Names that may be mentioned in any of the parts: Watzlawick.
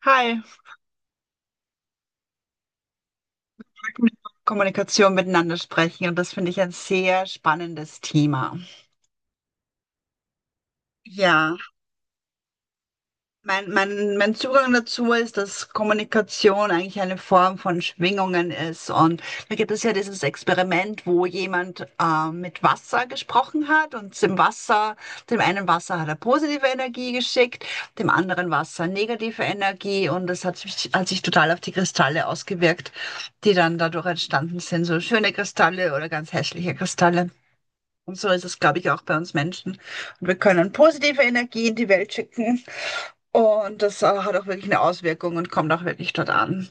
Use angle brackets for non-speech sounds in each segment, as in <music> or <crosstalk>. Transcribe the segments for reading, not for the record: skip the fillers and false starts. Hi, freut mich, dass Kommunikation miteinander sprechen und das finde ich ein sehr spannendes Thema. Ja. Mein Zugang dazu ist, dass Kommunikation eigentlich eine Form von Schwingungen ist. Und da gibt es ja dieses Experiment, wo jemand mit Wasser gesprochen hat und dem Wasser, dem einen Wasser hat er positive Energie geschickt, dem anderen Wasser negative Energie. Und das hat sich total auf die Kristalle ausgewirkt, die dann dadurch entstanden sind. So schöne Kristalle oder ganz hässliche Kristalle. Und so ist es, glaube ich, auch bei uns Menschen. Und wir können positive Energie in die Welt schicken. Und das hat auch wirklich eine Auswirkung und kommt auch wirklich dort an.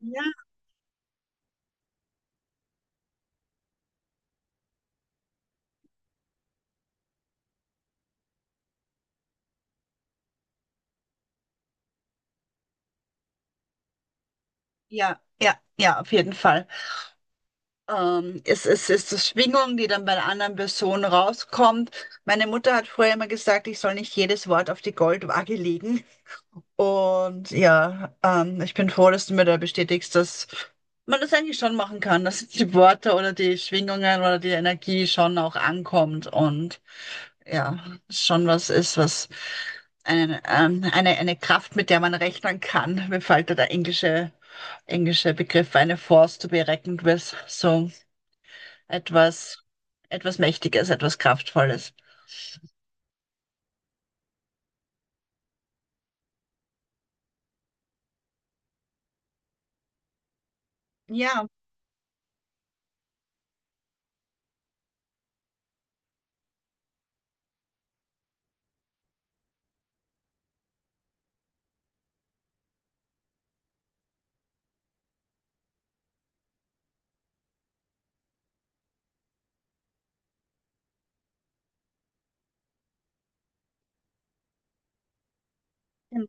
Ja, ja, auf jeden Fall. Es ist die Schwingung, die dann bei der anderen Person rauskommt. Meine Mutter hat früher immer gesagt, ich soll nicht jedes Wort auf die Goldwaage legen. Und ja, ich bin froh, dass du mir da bestätigst, dass man das eigentlich schon machen kann, dass die Worte oder die Schwingungen oder die Energie schon auch ankommt und ja, schon was ist, was eine Kraft, mit der man rechnen kann. Mir fällt da der englische Begriff eine Force to be reckoned with. So etwas, etwas Mächtiges, etwas Kraftvolles. Ja, genau.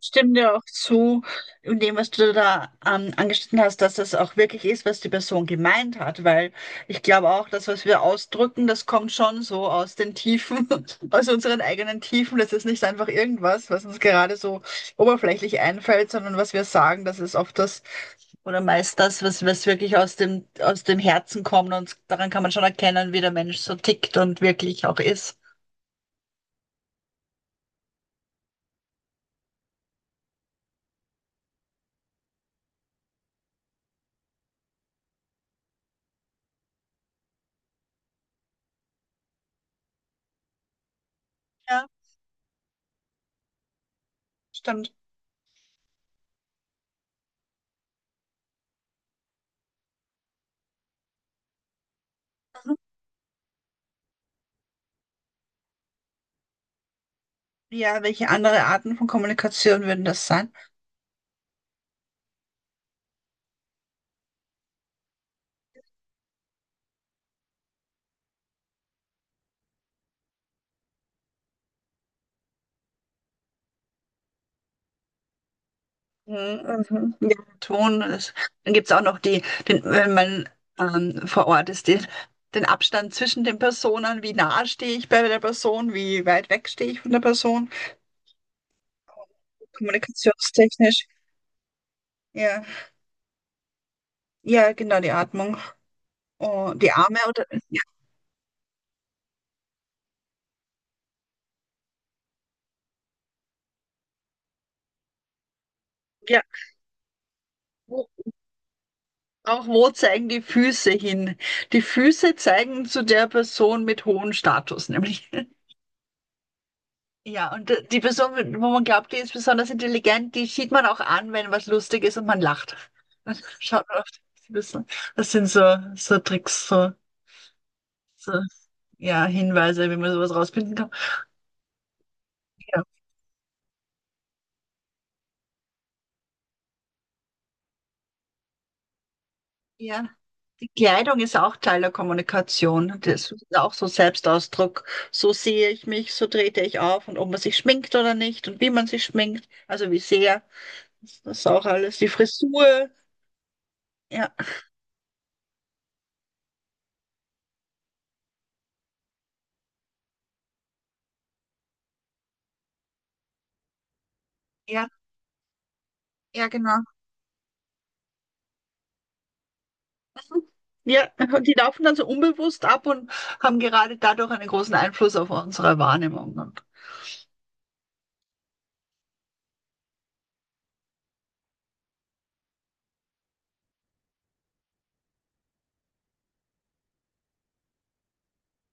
Ich stimme dir auch zu in dem, was du da angeschnitten hast, dass das auch wirklich ist, was die Person gemeint hat, weil ich glaube auch, das, was wir ausdrücken, das kommt schon so aus den Tiefen, <laughs> aus unseren eigenen Tiefen. Das ist nicht einfach irgendwas, was uns gerade so oberflächlich einfällt, sondern was wir sagen, das ist oft das oder meist das, was, was wirklich aus dem Herzen kommt und daran kann man schon erkennen, wie der Mensch so tickt und wirklich auch ist. Ja, stimmt. Mhm. Ja, welche andere Arten von Kommunikation würden das sein? Mhm, mhm. Ja, Ton. Das, dann gibt es auch noch die, den, wenn man vor Ort ist, den, den Abstand zwischen den Personen, wie nah stehe ich bei der Person, wie weit weg stehe ich von der Person, kommunikationstechnisch. Ja, ja, genau, die Atmung. Oh, die Arme oder ja, ja. Wo, auch wo zeigen die Füße hin? Die Füße zeigen zu der Person mit hohem Status, nämlich. Ja, und die Person, wo man glaubt, die ist besonders intelligent, die sieht man auch an, wenn was lustig ist und man lacht. Dann <laughs> schaut man auf die Person. Das sind so, so Tricks, so, so, ja, Hinweise, wie man sowas rausfinden kann. Ja. Ja. Die Kleidung ist auch Teil der Kommunikation. Das ist auch so Selbstausdruck. So sehe ich mich, so trete ich auf und ob man sich schminkt oder nicht und wie man sich schminkt, also wie sehr. Das ist auch alles. Die Frisur. Ja, ja, ja, genau. Ja, die laufen dann so unbewusst ab und haben gerade dadurch einen großen Einfluss auf unsere Wahrnehmung. Und,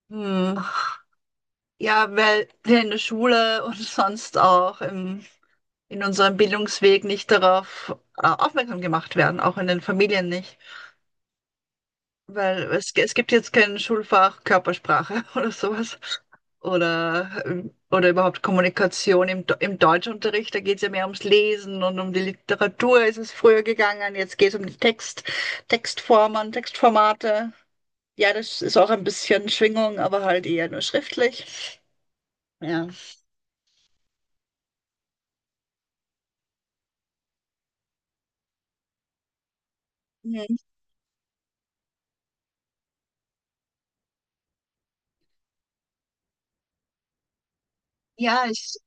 hm, ja, weil wir in der Schule und sonst auch im, in unserem Bildungsweg nicht darauf aufmerksam gemacht werden, auch in den Familien nicht. Weil es gibt jetzt kein Schulfach Körpersprache <laughs> oder sowas. Oder überhaupt Kommunikation im, im Deutschunterricht. Da geht es ja mehr ums Lesen und um die Literatur ist es früher gegangen. Jetzt geht es um die Text, Textformen, Textformate. Ja, das ist auch ein bisschen Schwingung, aber halt eher nur schriftlich. Ja. Mhm. Ja, ich,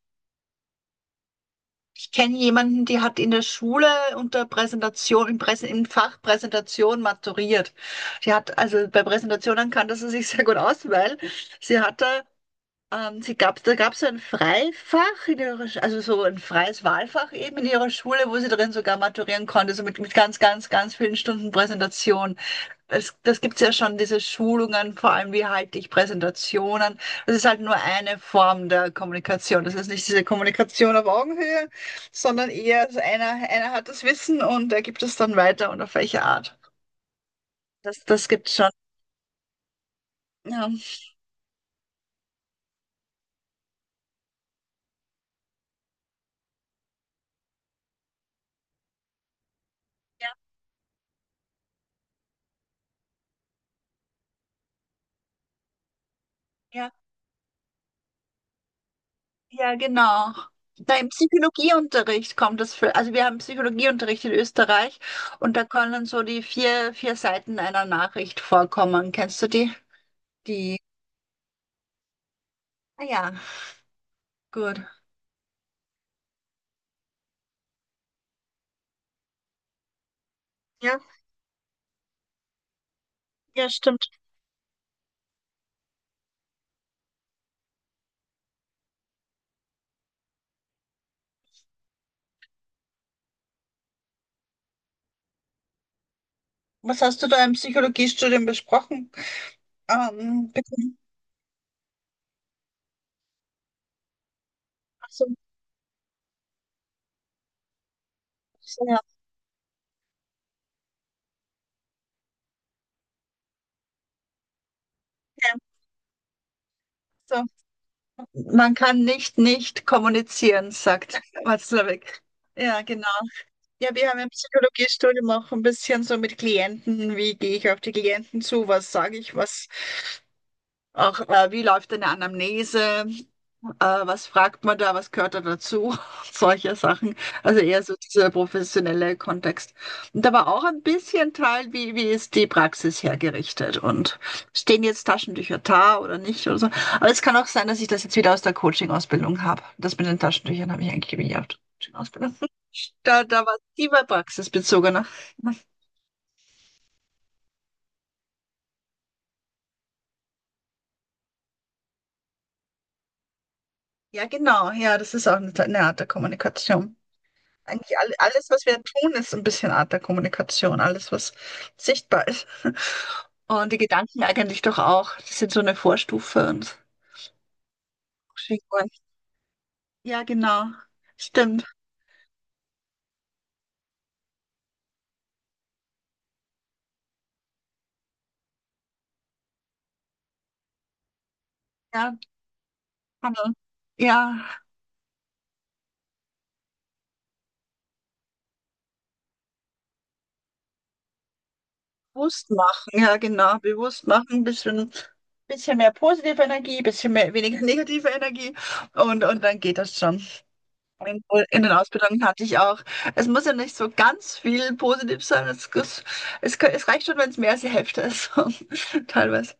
Ich kenne jemanden, die hat in der Schule unter Präsentation, im, im Fach Präsentation maturiert. Die hat, also bei Präsentationen kannte sie sich sehr gut aus, weil sie hatte, sie gab, da gab es so ein Freifach in ihrer, also so ein freies Wahlfach eben in ihrer Schule, wo sie drin sogar maturieren konnte, so mit ganz vielen Stunden Präsentation. Es, das gibt's ja schon, diese Schulungen, vor allem wie halte ich Präsentationen. Das ist halt nur eine Form der Kommunikation. Das ist nicht diese Kommunikation auf Augenhöhe, sondern eher so einer, einer hat das Wissen und er gibt es dann weiter und auf welche Art. Das, das gibt's schon. Ja, ja, ja, ja, genau. Da im Psychologieunterricht kommt das für, also wir haben Psychologieunterricht in Österreich und da können so die vier Seiten einer Nachricht vorkommen. Kennst du die? Die, ah ja, gut. Ja, ja, stimmt. Was hast du da im Psychologiestudium besprochen? Bekommen? Ach so, ja. Ja, so. Man kann nicht nicht kommunizieren, sagt <laughs> Watzlawick. Ja, genau. Ja, wir haben im Psychologiestudium auch ein bisschen so mit Klienten, wie gehe ich auf die Klienten zu, was sage ich, was auch, wie läuft eine Anamnese, äh, was fragt man da, was gehört da dazu? <laughs> Solche Sachen. Also eher so dieser professionelle Kontext. Und aber auch ein bisschen Teil, wie, wie ist die Praxis hergerichtet und stehen jetzt Taschentücher da oder nicht oder so. Aber es kann auch sein, dass ich das jetzt wieder aus der Coaching-Ausbildung habe. Das mit den Taschentüchern habe ich eigentlich wieder aus der Coaching-Ausbildung. <laughs> Da, da war es immer praxisbezogener. Ja, genau. Ja, das ist auch eine Art der Kommunikation. Eigentlich alles, was wir tun, ist so ein bisschen Art der Kommunikation. Alles, was sichtbar ist. <laughs> Und die Gedanken eigentlich doch auch. Das sind so eine Vorstufe und Figuren. Ja, genau. Stimmt. Ja, kann man. Ja, bewusst machen. Ja, genau. Bewusst machen. Ein bisschen, bisschen mehr positive Energie, bisschen mehr, weniger <laughs> negative Energie. Und dann geht das schon. In den Ausbildungen hatte ich auch. Es muss ja nicht so ganz viel positiv sein. Es reicht schon, wenn es mehr als die Hälfte ist. <laughs> Teilweise.